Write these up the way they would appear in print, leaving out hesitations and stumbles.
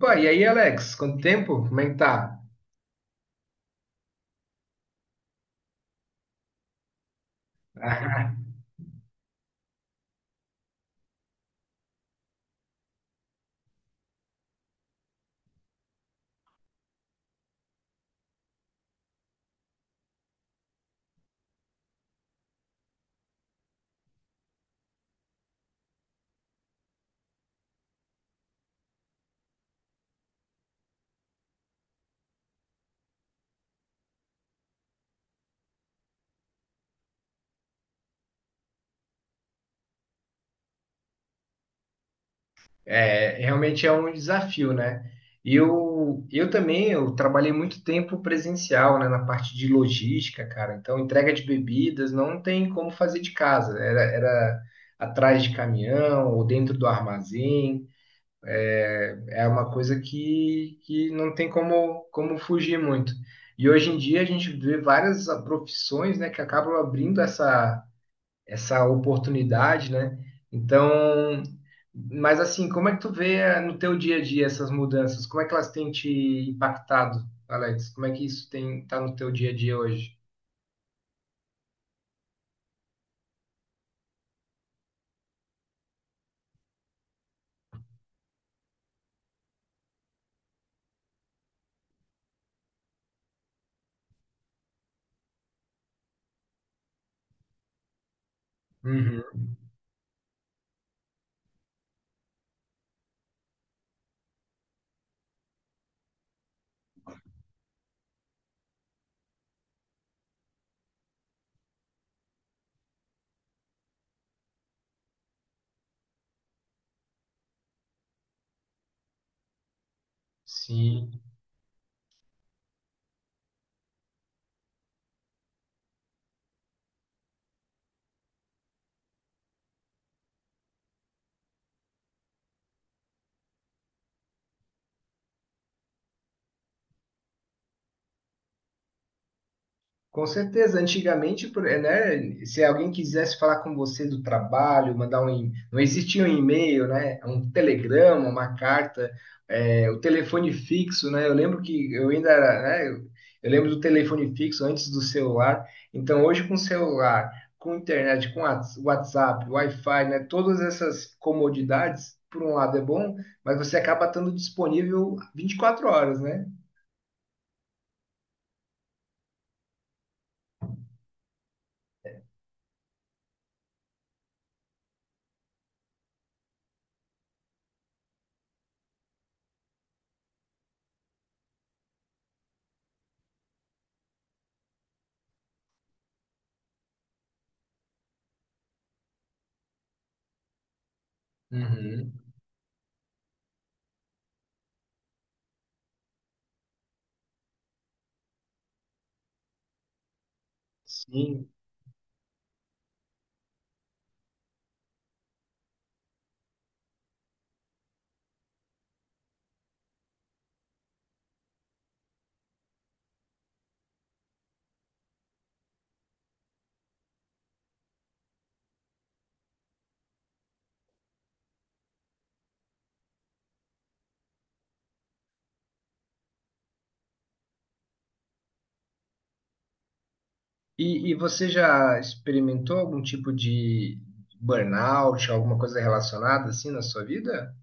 Pô, e aí, Alex, quanto tempo? Como é que tá? É, realmente é um desafio, né? Eu também, eu trabalhei muito tempo presencial, né, na parte de logística, cara. Então, entrega de bebidas não tem como fazer de casa. Era atrás de caminhão ou dentro do armazém. É uma coisa que não tem como fugir muito. E hoje em dia a gente vê várias profissões, né, que acabam abrindo essa oportunidade, né? Então, mas assim, como é que tu vê no teu dia a dia essas mudanças? Como é que elas têm te impactado, Alex? Como é que isso tem tá no teu dia a dia hoje? Uhum. Sim. Com certeza, antigamente, né, se alguém quisesse falar com você do trabalho, não existia um e-mail, né, um telegrama, uma carta, o telefone fixo, né, eu lembro que eu ainda era, né, eu lembro do telefone fixo antes do celular, então hoje com celular, com internet, com WhatsApp, Wi-Fi, né, todas essas comodidades, por um lado é bom, mas você acaba estando disponível 24 horas, né? Uhum. Sim. E você já experimentou algum tipo de burnout, alguma coisa relacionada assim na sua vida?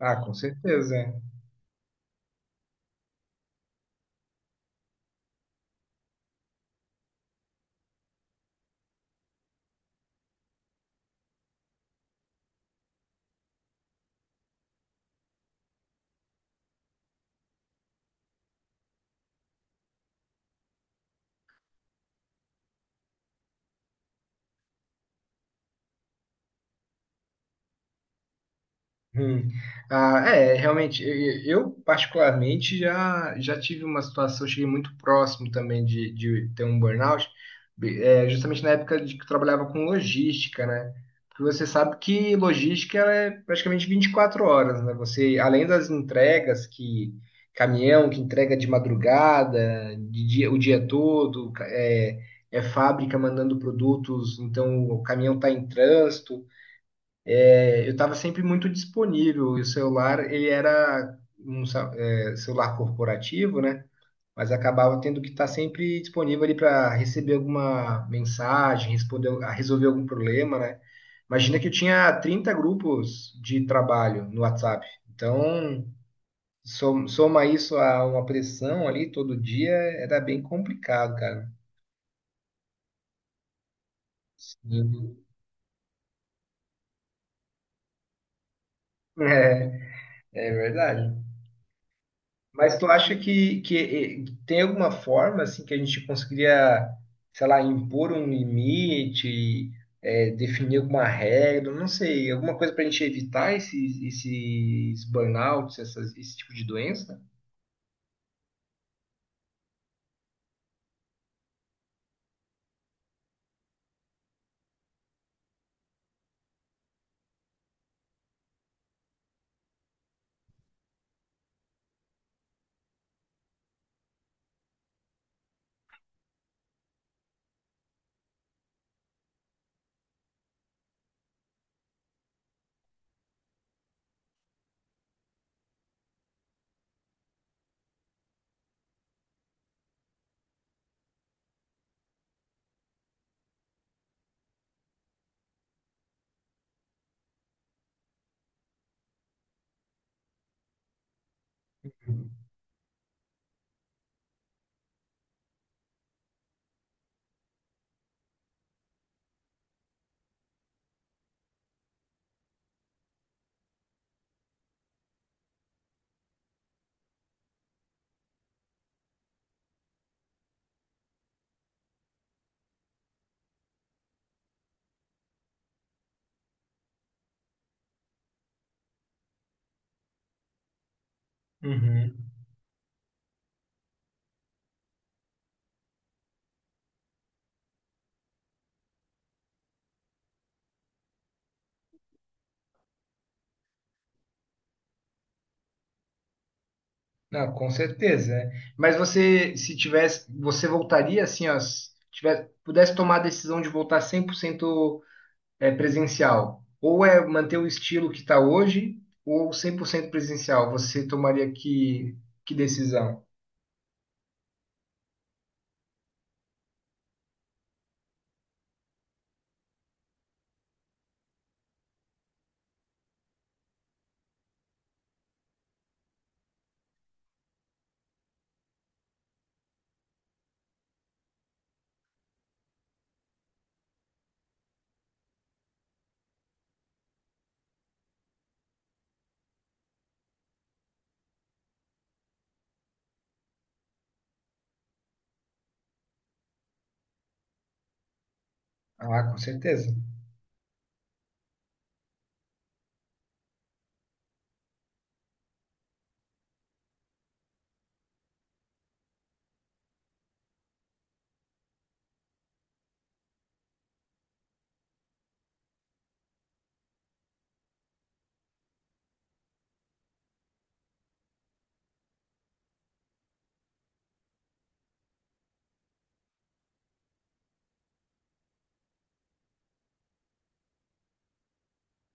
Ah, com certeza. Hum. Ah, é, realmente, eu particularmente já tive uma situação, cheguei muito próximo também de ter um burnout, justamente na época de que eu trabalhava com logística, né? Porque você sabe que logística ela é praticamente 24 horas, né? Você, além das entregas que caminhão que entrega de madrugada, de dia, o dia todo, é fábrica mandando produtos, então o caminhão está em trânsito. É, eu estava sempre muito disponível. E o celular, ele era um celular corporativo, né? Mas acabava tendo que estar sempre disponível ali para receber alguma mensagem, responder, a resolver algum problema, né? Imagina que eu tinha 30 grupos de trabalho no WhatsApp. Então, soma isso a uma pressão ali todo dia, era bem complicado, cara. Sim. É, é verdade. Mas tu acha que tem alguma forma assim que a gente conseguiria, sei lá, impor um limite, definir alguma regra, não sei, alguma coisa para a gente evitar esses burnouts, esse tipo de doença? Uhum. Não, com certeza, né? Mas você, se tivesse, você voltaria assim, ó, se tivesse, pudesse tomar a decisão de voltar 100% presencial, ou é manter o estilo que está hoje, ou 100% presencial, você tomaria que decisão? Ah, com certeza.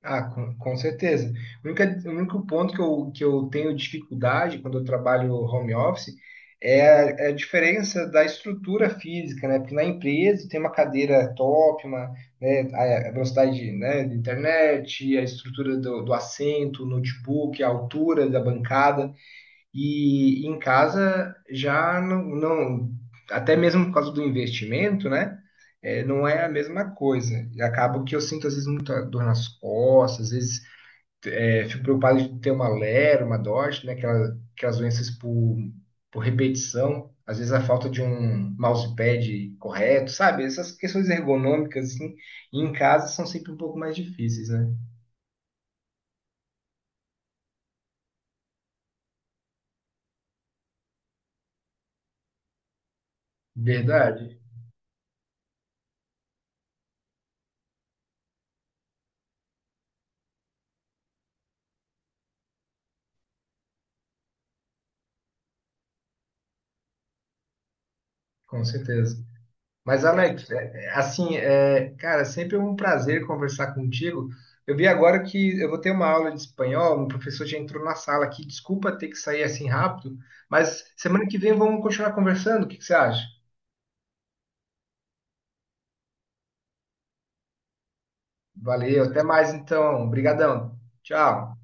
Ah, com certeza. O único ponto que eu tenho dificuldade quando eu trabalho home office é a diferença da estrutura física, né? Porque na empresa tem uma cadeira top, uma, né, a velocidade, né, da internet, a estrutura do assento, o notebook, a altura da bancada. E em casa já não até mesmo por causa do investimento, né? Não é a mesma coisa. E acaba que eu sinto às vezes muita dor nas costas, às vezes fico preocupado de ter uma lera, uma dorte, né? Aquelas doenças por repetição, às vezes a falta de um mousepad correto, sabe? Essas questões ergonômicas, assim, em casa são sempre um pouco mais difíceis, né? Verdade, com certeza. Mas, Alex, assim, cara, sempre é um prazer conversar contigo. Eu vi agora que eu vou ter uma aula de espanhol, um professor já entrou na sala aqui. Desculpa ter que sair assim rápido, mas semana que vem vamos continuar conversando. O que que você acha? Valeu, até mais então. Obrigadão. Tchau.